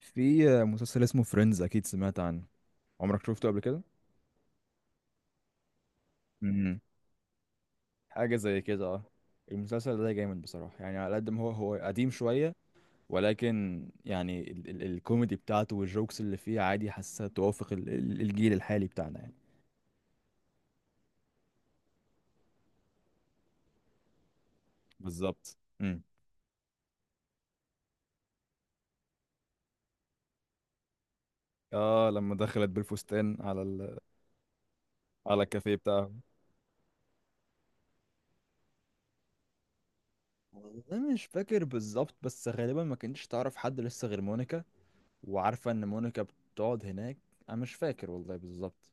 في مسلسل اسمه فريندز اكيد سمعت عنه. عمرك شفته قبل كده؟ امم حاجه زي كده. اه المسلسل ده جامد بصراحه، يعني على قد ما هو قديم شويه، ولكن يعني ال ال الكوميدي بتاعته والجوكس اللي فيه، عادي حاسه توافق ال ال الجيل الحالي بتاعنا يعني. بالظبط. اه لما دخلت بالفستان على ال، على الكافيه بتاعه. والله مش فاكر بالظبط، بس غالبا ما كنتش تعرف حد لسه غير مونيكا، وعارفه ان مونيكا بتقعد هناك. انا مش فاكر والله بالظبط.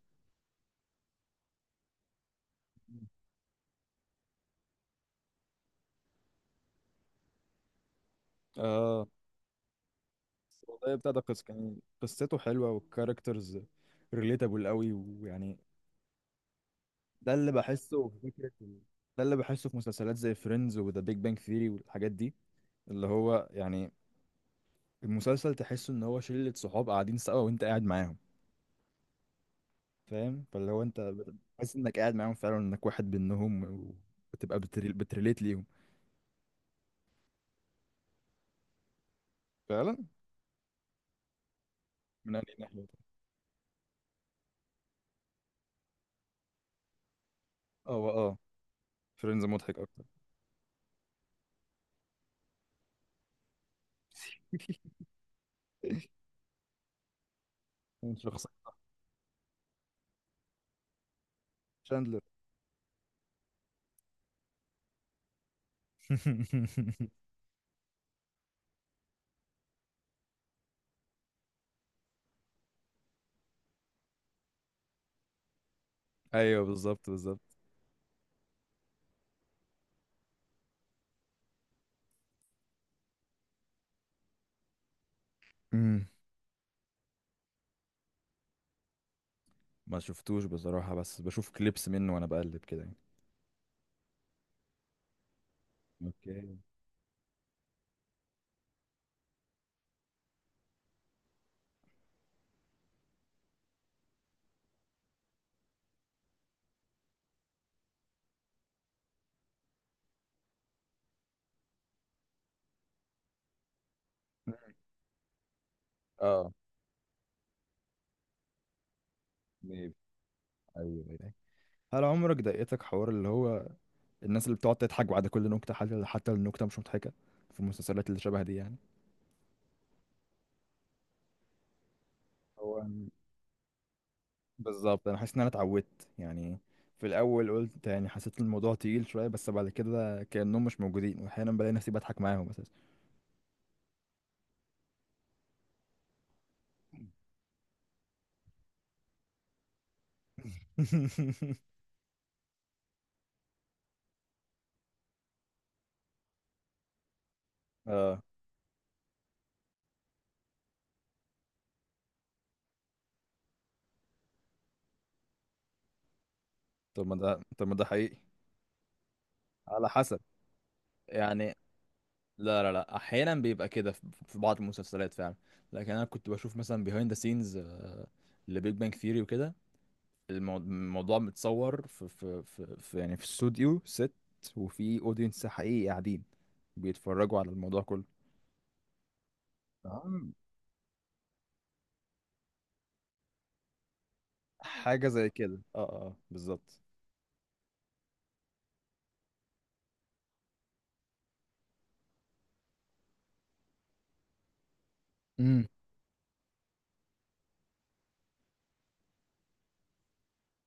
اه والله بتاع ده قصة، يعني قصته حلوة والكاركترز ريليتابل قوي، ويعني ده اللي بحسه في فكرة ال- ده اللي بحسه في مسلسلات زي فريندز وذا بيج بانج ثيري والحاجات دي، اللي هو يعني المسلسل تحسه ان هو شلة صحاب قاعدين سوا وانت قاعد معاهم. فاهم؟ فاللي هو انت بتحس انك قاعد معاهم فعلا، انك واحد منهم، وبتبقى بتريليت ليهم. فعلا. من أي ناحية؟ اه اه فريندز مضحك اكتر. من شخصية شاندلر. ايوه بالظبط بالظبط. ما شفتوش بصراحة، بس بشوف كليبس منه وانا بقلب كده يعني. اوكي. اه ميبي. ايوه ايوه. هل عمرك ضايقتك حوار اللي هو الناس اللي بتقعد تضحك بعد كل نكتة، حتى النكتة مش مضحكة، في المسلسلات اللي شبه دي يعني؟ هو أنا- بالظبط انا حاسس ان انا اتعودت يعني. في الاول قلت، يعني حسيت الموضوع تقيل شوية، بس بعد كده كأنهم مش موجودين، واحيانا بلاقي نفسي بضحك معاهم اساسا. اه. طب ما ده، طب ما ده حقيقي. على حسب يعني. لا لا لا، احيانا بيبقى كده في في بعض المسلسلات فعلا، لكن انا كنت بشوف مثلا بيهايند ذا سينز لبيج بانج ثيوري وكده. الموضوع متصور في يعني في استوديو ست، وفي اودينس حقيقي قاعدين بيتفرجوا على الموضوع كله. آه، حاجة زي كده، بالظبط.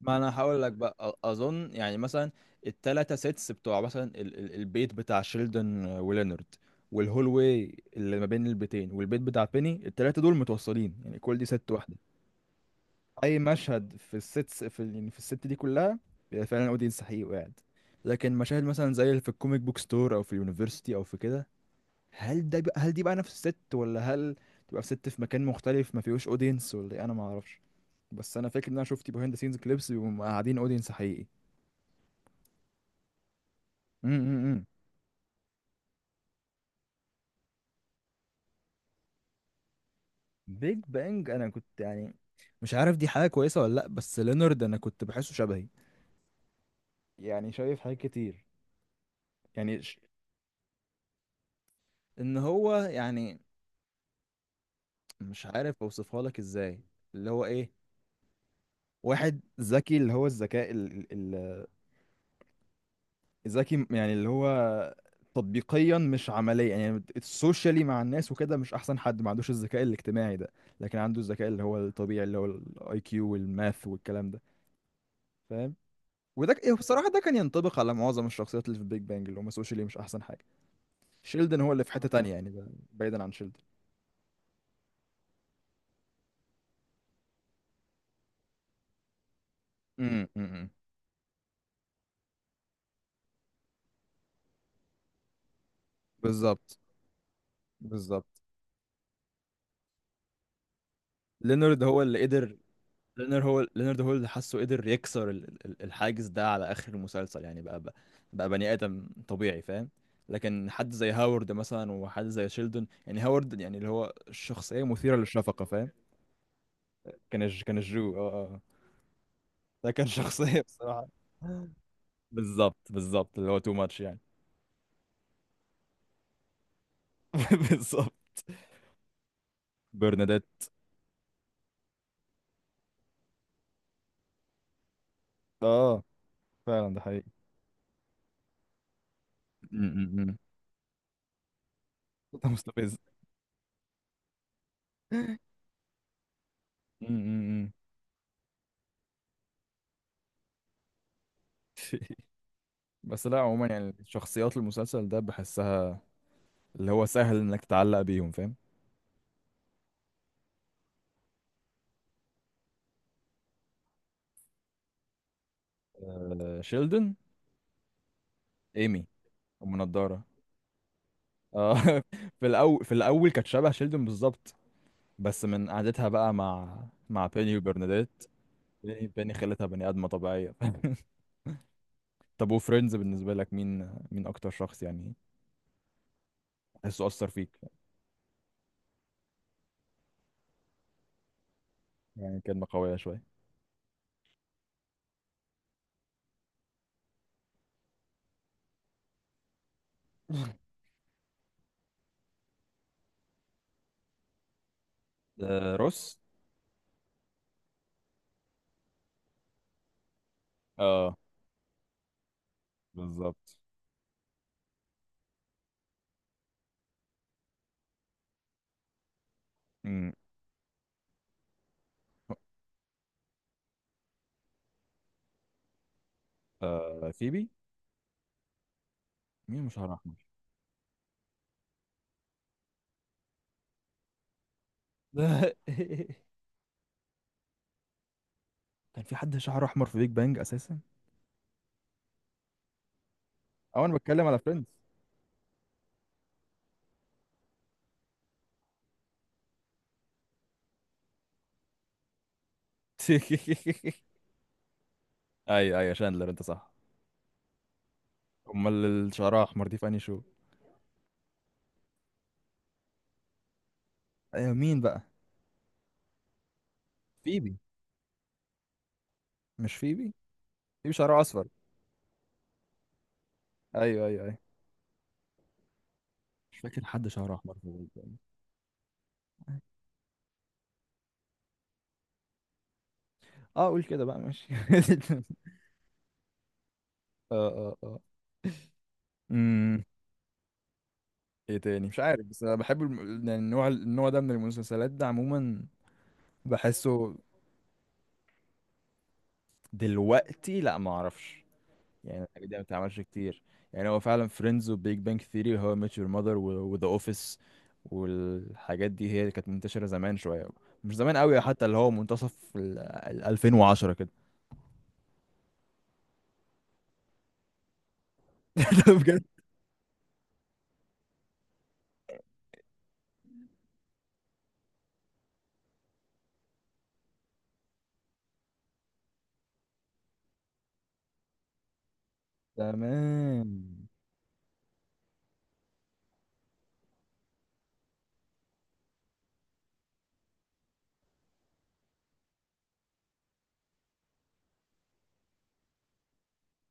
ما انا هقول لك بقى، اظن يعني مثلا التلاتة سيتس بتوع مثلا ال البيت بتاع شيلدن ولينارد، والهول واي اللي ما بين البيتين، والبيت بتاع بيني، التلاتة دول متوصلين يعني، كل دي ست واحدة. اي مشهد في الستس في يعني في الست دي كلها، بيبقى فعلا اودينس حقيقي وقاعد. لكن مشاهد مثلا زي اللي في الكوميك بوك ستور، او في اليونيفرسيتي، او في كده، هل ده بقى، هل دي بقى نفس الست، ولا هل تبقى في ست في مكان مختلف ما فيهوش اودينس، ولا إيه؟ انا ما اعرفش، بس انا فاكر ان انا شفت بيهايند سينز كليبس بيبقوا قاعدين اودينس حقيقي. امم. بيج بانج انا كنت يعني، مش عارف دي حاجه كويسه ولا لا، بس لينارد انا كنت بحسه شبهي، يعني شايف حاجات كتير، يعني ش... ان هو يعني، مش عارف اوصفها لك ازاي. اللي هو ايه، واحد ذكي، اللي هو الذكاء ال... ال... الذكي، يعني اللي هو تطبيقيا مش عمليا، يعني السوشيالي مع الناس وكده مش احسن حد، ما عندوش الذكاء الاجتماعي ده، لكن عنده الذكاء اللي هو الطبيعي، اللي هو الاي كيو والماث والكلام ده. فاهم؟ بصراحة ده كان ينطبق على معظم الشخصيات اللي في بيج بانج، اللي هم سوشيالي مش أحسن حاجة. شيلدن هو اللي في حتة تانية يعني، بعيدا عن شيلدن. امم امم بالظبط بالظبط. لينارد هو اللي قدر، لينارد هو اللي حاسه قدر يكسر الحاجز ده على اخر المسلسل، يعني بقى بني ادم طبيعي. فاهم؟ لكن حد زي هاورد مثلا، وحد زي شيلدون، يعني هاورد يعني اللي هو شخصية مثيرة للشفقة. فاهم؟ كان الجو آه. ده كان شخصية بصراحة. بالظبط بالظبط، اللي هو تو ماتش يعني. بالظبط. برنادات. اه فعلا ده حقيقي. م- م- م. ده مستفز. م- م- م. بس لا عموما يعني شخصيات المسلسل ده بحسها اللي هو سهل انك تعلق بيهم. فاهم؟ آه، شيلدن. ايمي، ام نضاره. اه. في الاول، في الاول كانت شبه شيلدن بالظبط، بس من قعدتها بقى مع، مع بيني وبرناديت. بيني، بيني خلتها بني ادمه طبيعيه. طب وفريندز بالنسبه لك مين، مين اكتر شخص يعني تحسه اثر فيك؟ يعني كلمه قويه شويه. آه روس. اه بالظبط. امم. آه فيبي. مين؟ مش شعر احمر؟ كان في حد شعره احمر في بيج بانج اساسا؟ او انا بتكلم على فريندز. ايوه ايوه شاندلر، انت صح. امال اللي شعرها احمر دي في انهي شو؟ ايوه مين بقى؟ فيبي؟ مش فيبي؟ فيبي شعرها اصفر. ايوه ايوه ايوه. مش فاكر حد شعره احمر في بيج بانج. اه قول كده بقى، ماشي. اه اه اه امم. ايه تاني؟ مش عارف بس انا بحب يعني النوع ده من المسلسلات ده عموما بحسه. دلوقتي لا ما اعرفش، يعني الحاجات دي ما بتتعملش كتير، يعني هو فعلا فريندز وبيج بانك ثيري وهو ميت يور ماذر وذا اوفيس والحاجات دي هي اللي كانت منتشرة زمان شوية، مش زمان قوي، حتى اللي هو منتصف ال 2010 كده. ده بجد؟ تمام.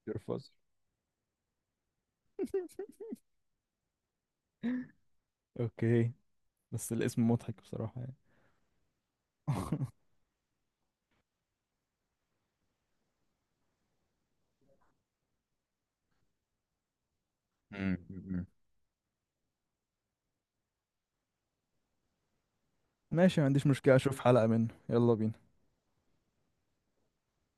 ترفز. اوكي، بس الاسم مضحك بصراحة يعني. مم. ماشي، ما عنديش مشكلة، اشوف حلقة منه، يلا بينا.